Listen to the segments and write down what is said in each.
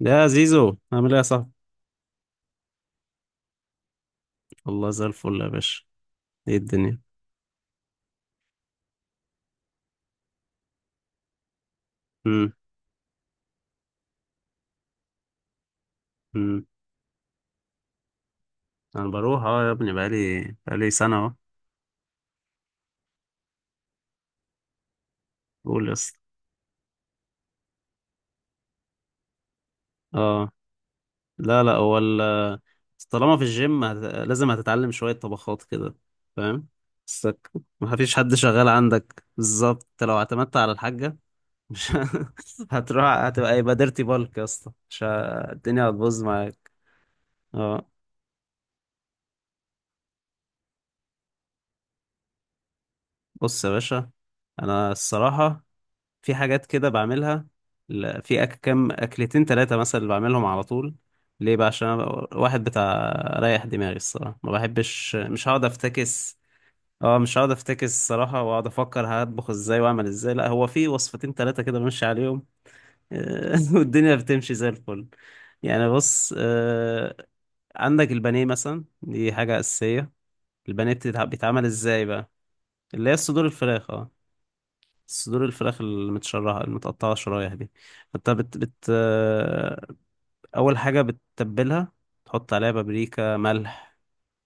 يا زيزو، عامل ايه يا صاحبي؟ والله زي الفل يا باشا. ايه الدنيا؟ امم. امم. انا بروح، اه، يا ابني، بقالي سنه اهو. قول يا اسطى. اه. لا، لا، طالما في الجيم لازم هتتعلم شويه طبخات كده. فاهم؟ بسك. ما فيش حد شغال عندك بالظبط، انت لو اعتمدت على الحاجه، مش. هتروح هتبقى، يبقى ديرتي بالك يا اسطى، مش ه- الدنيا هتبوظ معاك. اه. بص يا باشا، انا الصراحه في حاجات كده بعملها. في كام أكلتين تلاتة مثلا اللي بعملهم على طول. ليه بقى؟ عشان أنا واحد بتاع ريح دماغي الصراحة، ما بحبش، مش هقعد أفتكس. اه، مش هقعد أفتكس الصراحة وأقعد أفكر هطبخ إزاي وأعمل إزاي. لا، هو في وصفتين تلاتة كده بمشي عليهم. والدنيا بتمشي زي الفل. يعني بص، عندك البانيه مثلا دي حاجة أساسية. البانيه بيتعمل إزاي بقى؟ اللي هي صدور الفراخ، اه. صدور الفراخ المتشرحة المتقطعة شرايح دي، فانت بت بت آه، أول حاجة بتتبلها، تحط عليها بابريكا، ملح.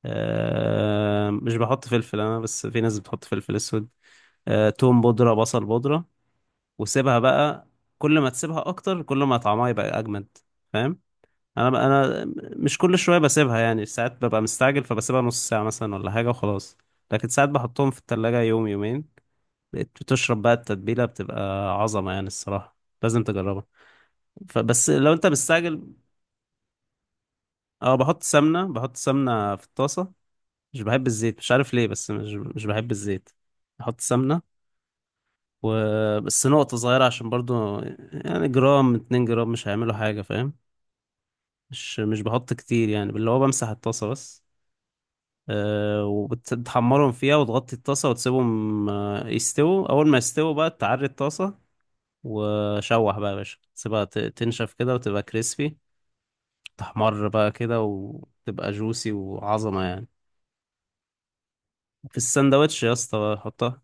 مش بحط فلفل أنا، بس في ناس بتحط فلفل أسود. توم بودرة، بصل بودرة. وسيبها بقى. كل ما تسيبها أكتر، كل ما طعمها يبقى أجمد. فاهم؟ أنا مش كل شوية بسيبها يعني، ساعات ببقى مستعجل فبسيبها نص ساعة مثلا ولا حاجة وخلاص. لكن ساعات بحطهم في التلاجة يوم يومين، بقيت بتشرب بقى، التتبيلة بتبقى عظمة يعني الصراحة. لازم تجربها. فبس لو انت مستعجل، اه، بحط سمنة في الطاسة. مش بحب الزيت، مش عارف ليه، بس مش بحب الزيت. بحط سمنة، وبس نقطة صغيرة عشان برضو، يعني جرام، 2 جرام مش هيعملوا حاجة، فاهم؟ مش بحط كتير يعني، اللي هو بمسح الطاسة بس. أه، وبتحمرهم فيها وتغطي الطاسة وتسيبهم، يستووا. أول ما يستووا بقى تعري الطاسة وشوح بقى يا باشا، سيبها تنشف كده وتبقى كريسبي، تحمر بقى كده وتبقى جوسي وعظمة يعني. في السندوتش يا اسطى بقى حطها،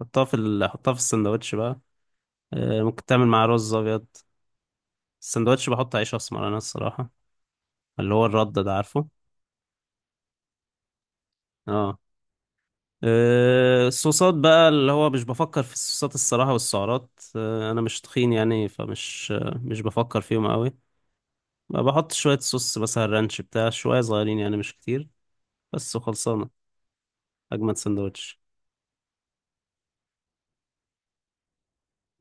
حطها في السندوتش بقى. ممكن تعمل مع رز ابيض. السندوتش بحط عيش اسمر انا الصراحة، اللي هو الرد ده، عارفه؟ اه. الصوصات بقى، اللي هو مش بفكر في الصوصات الصراحة والسعرات. انا مش تخين يعني، فمش مش بفكر فيهم قوي. بحط شوية صوص مثلا رانش بتاع، شوية صغيرين يعني، مش كتير بس وخلصانة. اجمد سندوتش.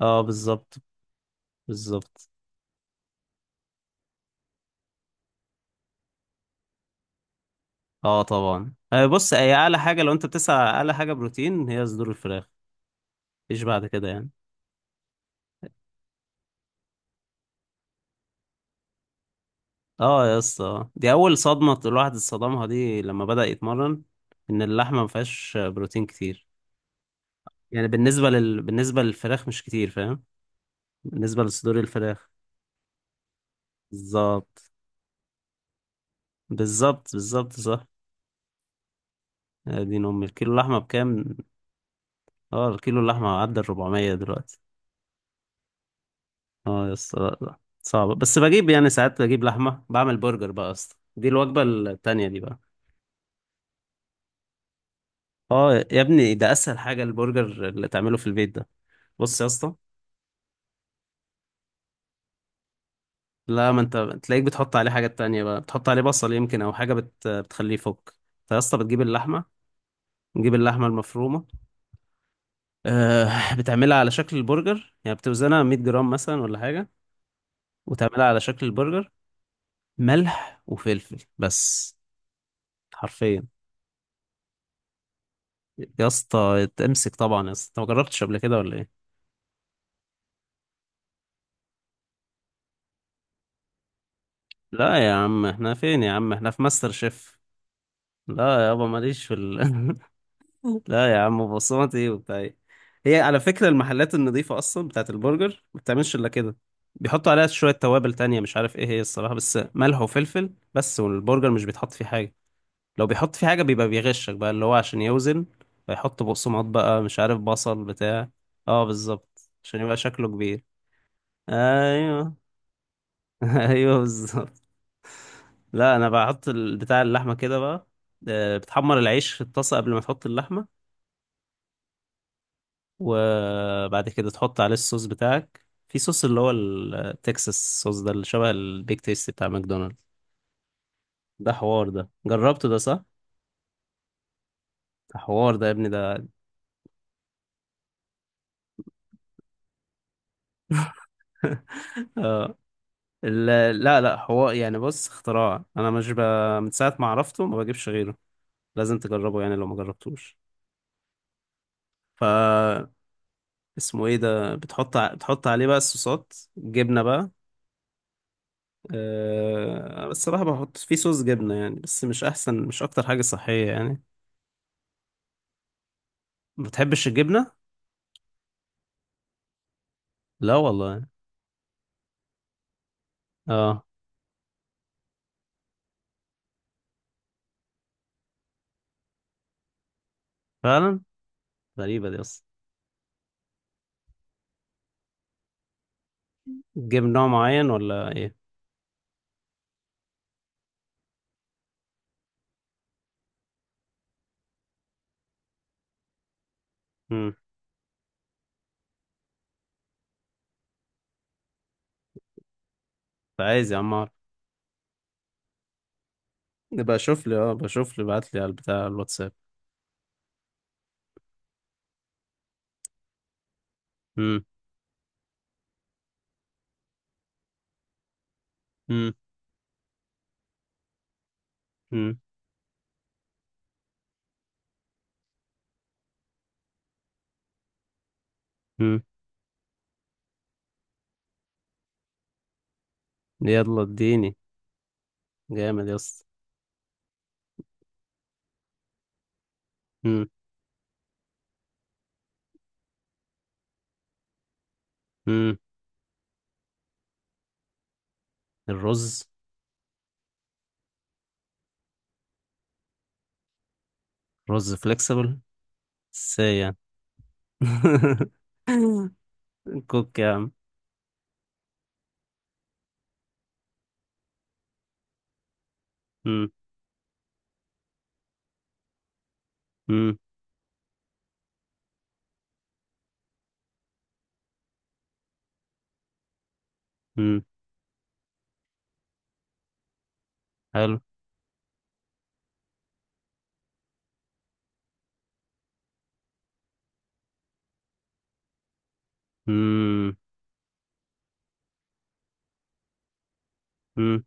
اه، بالظبط. بالظبط. اه طبعا، بص، هي اعلى حاجه، لو انت بتسعى على اعلى حاجه بروتين هي صدور الفراخ. مفيش بعد كده يعني. اه يا اسطى، دي اول صدمه الواحد اتصدمها دي لما بدأ يتمرن، ان اللحمه ما فيهاش بروتين كتير. يعني بالنسبه للفراخ مش كتير، فاهم؟ بالنسبه لصدور الفراخ. بالظبط، بالظبط، بالظبط، صح. دي ام الكيلو لحمه بكام؟ اه، الكيلو اللحمه عدى ال 400 دلوقتي. اه يا اسطى، لا، لا، صعبة، بس بجيب يعني، ساعات بجيب لحمة بعمل برجر بقى يا اسطى، دي الوجبة التانية دي بقى. اه يا ابني، ده اسهل حاجة البرجر اللي تعمله في البيت ده. بص يا اسطى، لا، ما انت تلاقيك بتحط عليه حاجات تانية بقى، بتحط عليه بصل يمكن او حاجة بتخليه يفك. فيا اسطى بتجيب اللحمة، نجيب اللحمة المفرومة. أه، بتعملها على شكل البرجر يعني، بتوزنها 100 جرام مثلا ولا حاجة، وتعملها على شكل البرجر. ملح وفلفل بس، حرفيا. يا اسطى تمسك طبعا يا اسطى، انت ما جربتش قبل كده ولا ايه؟ لا يا عم، احنا فين يا عم، احنا في ماستر شيف؟ لا يابا، ماليش لا يا عم، بصمتي وبتاع ايه. هي على فكرة المحلات النظيفة اصلا بتاعت البرجر ما بتعملش الا كده، بيحطوا عليها شوية توابل تانية مش عارف ايه هي الصراحة، بس ملح وفلفل بس، والبرجر مش بيتحط فيه حاجة. لو بيحط فيه حاجة بيبقى بيغشك بقى، اللي هو عشان يوزن، بيحط بقسماط بقى، مش عارف، بصل بتاع. اه بالظبط، عشان يبقى شكله كبير. ايوه. ايوه بالظبط. لا، انا بحط بتاع اللحمه كده بقى. بتحمر العيش في الطاسه قبل ما تحط اللحمه، وبعد كده تحط عليه الصوص بتاعك، في صوص اللي هو التكساس صوص ده، اللي شبه البيك تيستي بتاع ماكدونالدز. ده حوار ده. جربته ده، صح. ده حوار ده يا ابني ده. اه. ال- لا، لا، حوار يعني، بص اختراع انا، مش ب... من ساعه ما عرفته ما بجيبش غيره. لازم تجربه يعني لو ما جربتوش. ف اسمه ايه ده، بتحط بتحط عليه بقى الصوصات، جبنه بقى. أه، بس الصراحة بحط فيه صوص جبنة يعني، بس مش أحسن، مش أكتر حاجة صحية يعني. ما بتحبش الجبنة؟ لا والله. اه. فعلا، غريبة دي أصلا. تجيب نوع معين ولا إيه؟ مم. عايز يا عم أعرف. يبقى شوف لي، اه، بشوف لي، بعت لي على البتاع الواتساب. مم. مم. مم. مم. يلا اديني. جامد يا اسطى. مم. مم. الرز. رز فليكسبل. ازاي يعني؟ كوك يا عم. مم. مم. مم. حلو. مم. مم.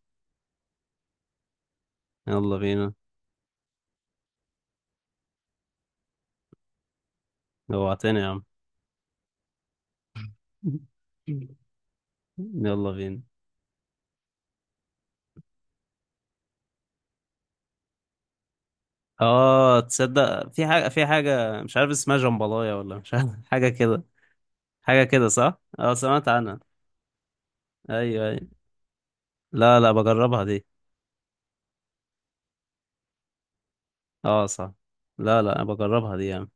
يلا بينا. جوعتني يا عم. يلا بينا. اه، تصدق في حاجة مش عارف اسمها، جمبلاية ولا مش عارف، حاجة كده. حاجة كده، صح؟ اه، سمعت عنها. ايوه، ايوه. لا، لا، بجربها دي. اه صح. لا، لا، أنا بجربها دي يعني.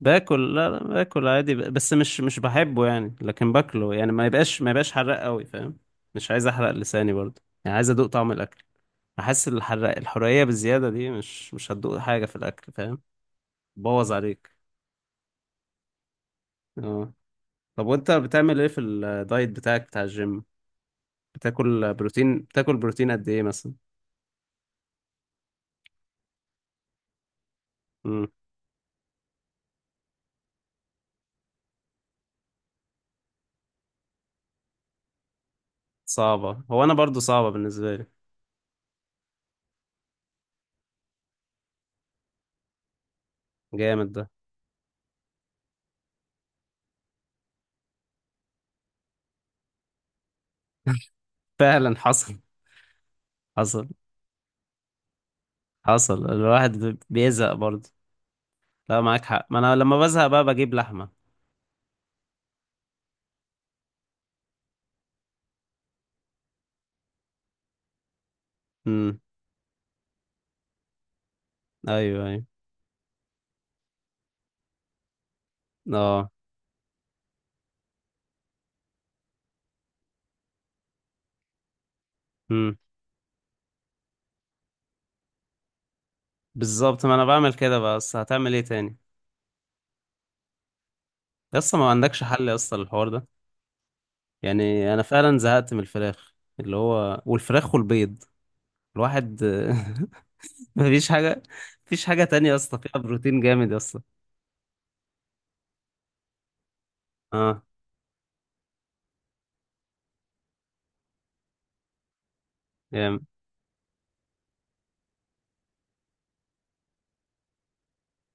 لا، لا، باكل عادي، بس مش بحبه يعني، لكن باكله يعني، ما يبقاش، ما يبقاش حراق قوي، فاهم؟ مش عايز احرق لساني برضه يعني، عايز ادوق طعم الاكل. احس الحراق، الحرقية بالزيادة دي مش هتدوق حاجة في الاكل، فاهم؟ بوظ عليك. اه. طب، وانت بتعمل ايه في الدايت بتاعك بتاع الجيم؟ بتاكل بروتين قد ايه مثلا؟ امم. صعبة، هو انا برضو صعبة بالنسبة لي. جامد ده. فعلا حصل. حصل. حصل، الواحد بيزهق برضو. لا، معاك حق، ما انا لما بزهق بقى بجيب لحمة. امم. ايوه، ايوه. اه. امم. بالظبط، ما انا بعمل كده، بس هتعمل ايه تاني؟ لسه ما عندكش حل يا اسطى للحوار ده؟ يعني انا فعلا زهقت من الفراخ، اللي هو والفراخ والبيض، الواحد. مفيش حاجة. مفيش حاجة تانية يا اسطى فيها بروتين جامد يا اسطى. اه. جامد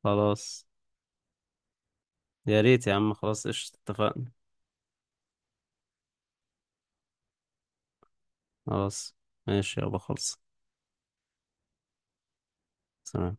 خلاص. يا ريت يا عم، خلاص، قشطة، اتفقنا. خلاص. ماشي يابا، خلص. سلام.